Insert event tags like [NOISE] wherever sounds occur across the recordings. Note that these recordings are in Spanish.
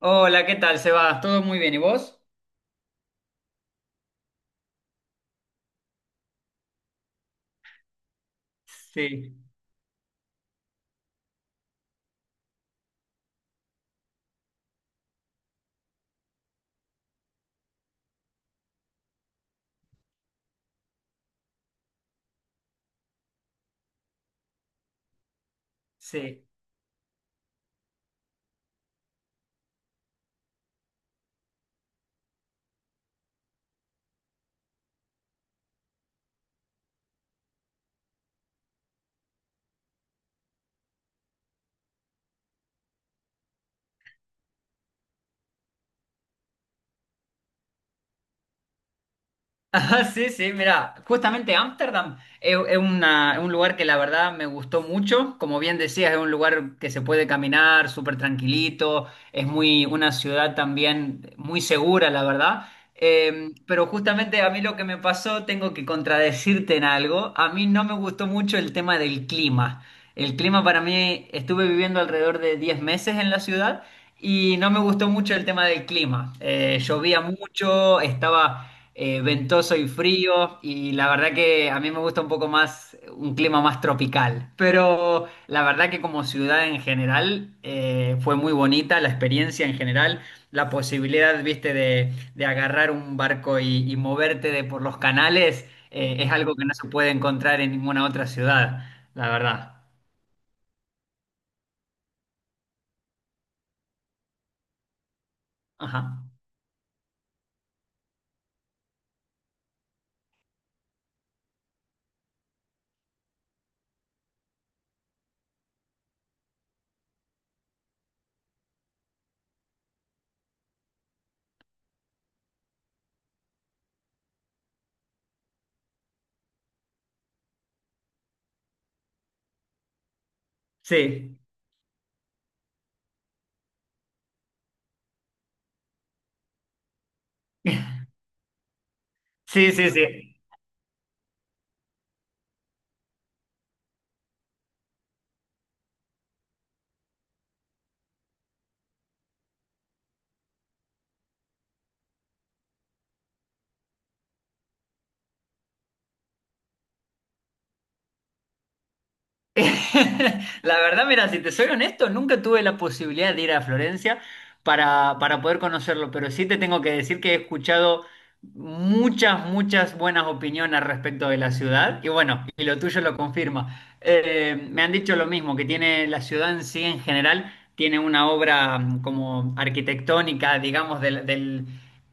Hola, ¿qué tal, Sebas? ¿Todo muy bien? ¿Y vos? Sí, sí. Ajá, sí, sí, mira, justamente Ámsterdam es un lugar que la verdad me gustó mucho. Como bien decías, es un lugar que se puede caminar súper tranquilito, es una ciudad también muy segura, la verdad. Pero justamente a mí lo que me pasó, tengo que contradecirte en algo. A mí no me gustó mucho el tema del clima. El clima para mí, estuve viviendo alrededor de 10 meses en la ciudad y no me gustó mucho el tema del clima. Llovía mucho, estaba ventoso y frío, y la verdad que a mí me gusta un poco más, un clima más tropical, pero la verdad que como ciudad en general fue muy bonita la experiencia en general, la posibilidad, viste, de agarrar un barco y moverte de por los canales, es algo que no se puede encontrar en ninguna otra ciudad, la verdad. Ajá. Sí, sí, sí, sí. [LAUGHS] La verdad, mira, si te soy honesto, nunca tuve la posibilidad de ir a Florencia para poder conocerlo, pero sí te tengo que decir que he escuchado muchas, muchas buenas opiniones respecto de la ciudad y bueno, y lo tuyo lo confirma. Me han dicho lo mismo, que tiene la ciudad en sí en general, tiene una obra como arquitectónica, digamos,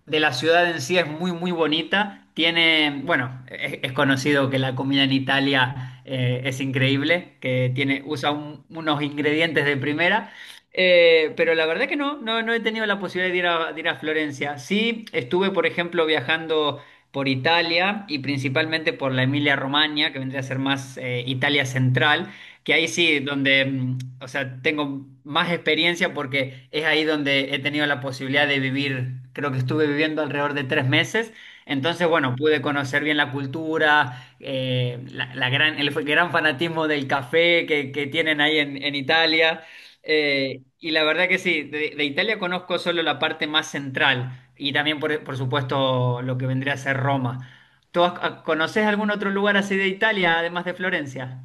de la ciudad en sí es muy, muy bonita. Tiene, bueno, es conocido que la comida en Italia es increíble, que tiene, usa unos ingredientes de primera. Pero la verdad que no, no, no he tenido la posibilidad de ir a Florencia. Sí, estuve, por ejemplo, viajando por Italia y principalmente por la Emilia-Romagna, que vendría a ser más Italia central. Que ahí sí, donde, o sea, tengo más experiencia porque es ahí donde he tenido la posibilidad de vivir, creo que estuve viviendo alrededor de 3 meses, entonces, bueno, pude conocer bien la cultura, la gran, el gran fanatismo del café que tienen ahí en Italia, y la verdad que sí, de Italia conozco solo la parte más central y también, por supuesto, lo que vendría a ser Roma. ¿Tú has- conoces algún otro lugar así de Italia, además de Florencia?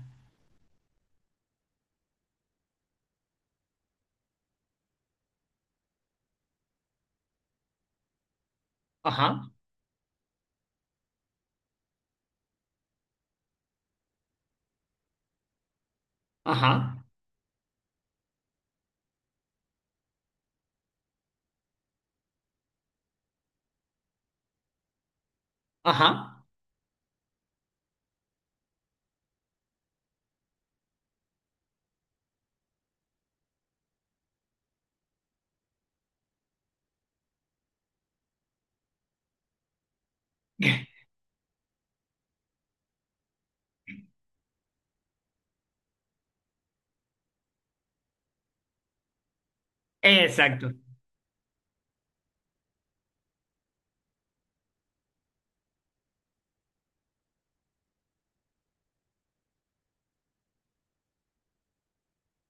Ajá. Ajá, ajá, exacto.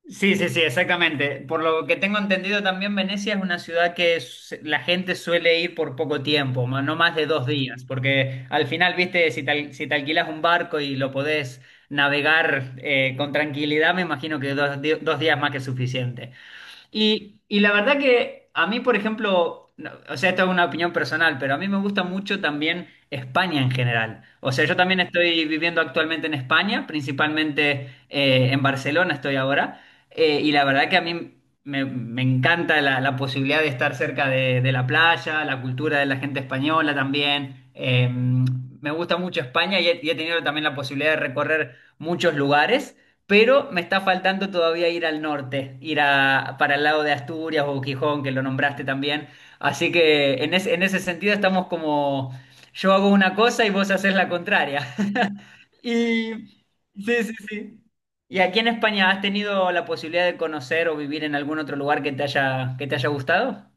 Sí, sí, sí, exactamente. Por lo que tengo entendido también, Venecia es una ciudad que la gente suele ir por poco tiempo, no más de dos días, porque al final, viste, si te, si te alquilas un barco y lo podés navegar con tranquilidad, me imagino que dos días más que suficiente. Y la verdad que a mí, por ejemplo, o sea, esto es una opinión personal, pero a mí me gusta mucho también España en general. O sea, yo también estoy viviendo actualmente en España, principalmente en Barcelona estoy ahora, y la verdad que a mí me, me encanta la posibilidad de estar cerca de la playa, la cultura de la gente española también. Me gusta mucho España y he tenido también la posibilidad de recorrer muchos lugares. Pero me está faltando todavía ir al norte, ir a, para el lado de Asturias o Gijón, que lo nombraste también. Así que en ese sentido estamos como, yo hago una cosa y vos haces la contraria. [LAUGHS] Y sí, sí, sí. ¿Y aquí en España has tenido la posibilidad de conocer o vivir en algún otro lugar que te haya gustado?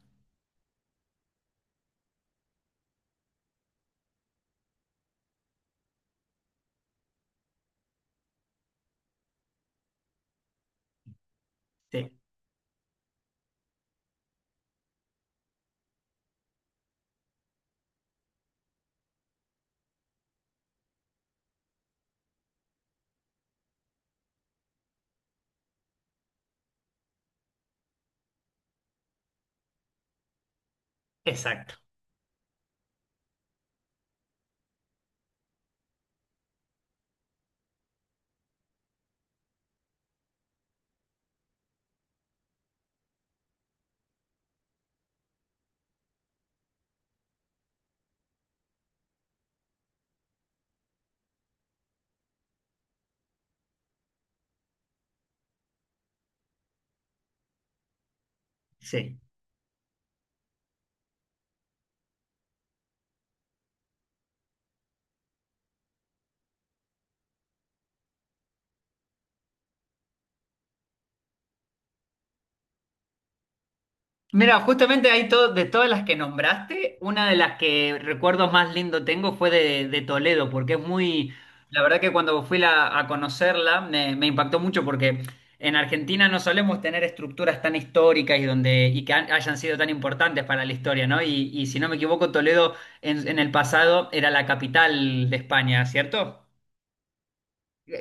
Sí, exacto. Sí. Mira, justamente hay todo, de todas las que nombraste, una de las que recuerdo más lindo tengo fue de Toledo, porque es muy, la verdad que cuando fui a conocerla me, me impactó mucho porque en Argentina no solemos tener estructuras tan históricas y donde y que hayan sido tan importantes para la historia, ¿no? Y si no me equivoco, Toledo en el pasado era la capital de España, ¿cierto?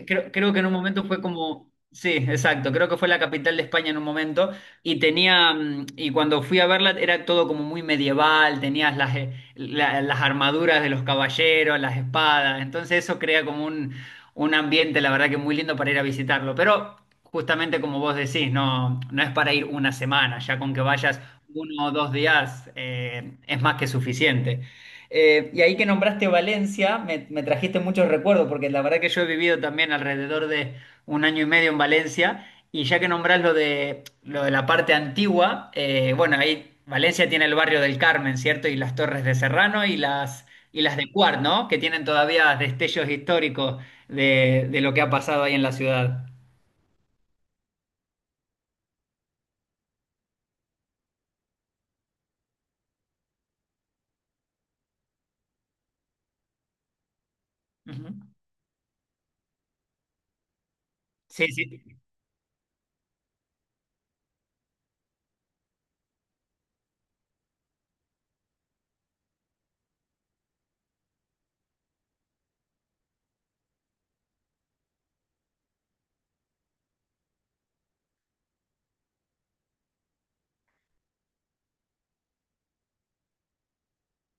Creo, creo que en un momento fue como, sí, exacto, creo que fue la capital de España en un momento y tenía, y cuando fui a verla era todo como muy medieval, tenías las, las armaduras de los caballeros, las espadas, entonces eso crea como un ambiente, la verdad que muy lindo para ir a visitarlo, pero justamente como vos decís, no, no es para ir una semana, ya con que vayas uno o dos días es más que suficiente. Y ahí que nombraste Valencia, me trajiste muchos recuerdos, porque la verdad que yo he vivido también alrededor de 1 año y medio en Valencia, y ya que nombrás lo de la parte antigua, bueno, ahí Valencia tiene el barrio del Carmen, ¿cierto? Y las Torres de Serrano y las de Cuart, ¿no? Que tienen todavía destellos históricos de lo que ha pasado ahí en la ciudad. Ujú. Sí, sí,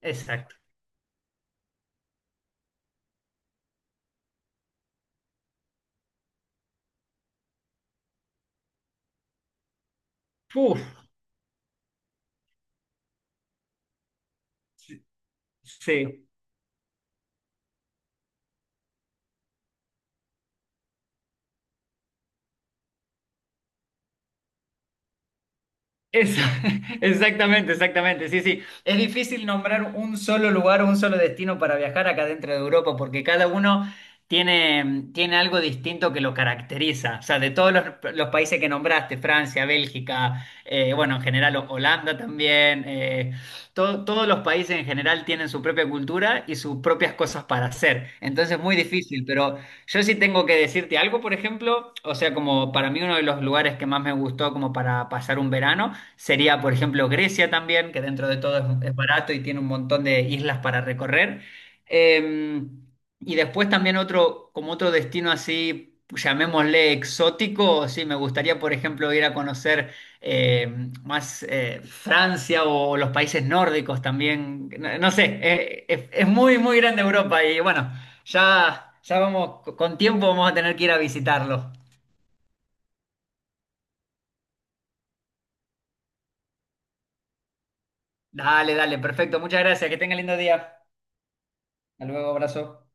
exacto. Uf, sí. Esa- [LAUGHS] exactamente, exactamente. Sí, sí. Es difícil nombrar un solo lugar o un solo destino para viajar acá dentro de Europa, porque cada uno tiene, tiene algo distinto que lo caracteriza. O sea, de todos los países que nombraste, Francia, Bélgica, bueno, en general Holanda también, todos los países en general tienen su propia cultura y sus propias cosas para hacer. Entonces, es muy difícil, pero... Yo sí tengo que decirte algo, por ejemplo, o sea, como para mí uno de los lugares que más me gustó como para pasar un verano sería, por ejemplo, Grecia también, que dentro de todo es barato y tiene un montón de islas para recorrer. Eh, y después también otro, como otro destino así, llamémosle exótico, sí, me gustaría, por ejemplo, ir a conocer eh, más Francia o los países nórdicos también. No, no sé, es muy, muy grande Europa y bueno, ya vamos, con tiempo vamos a tener que ir a visitarlo. Dale, dale, perfecto. Muchas gracias, que tenga lindo día. Hasta luego, abrazo.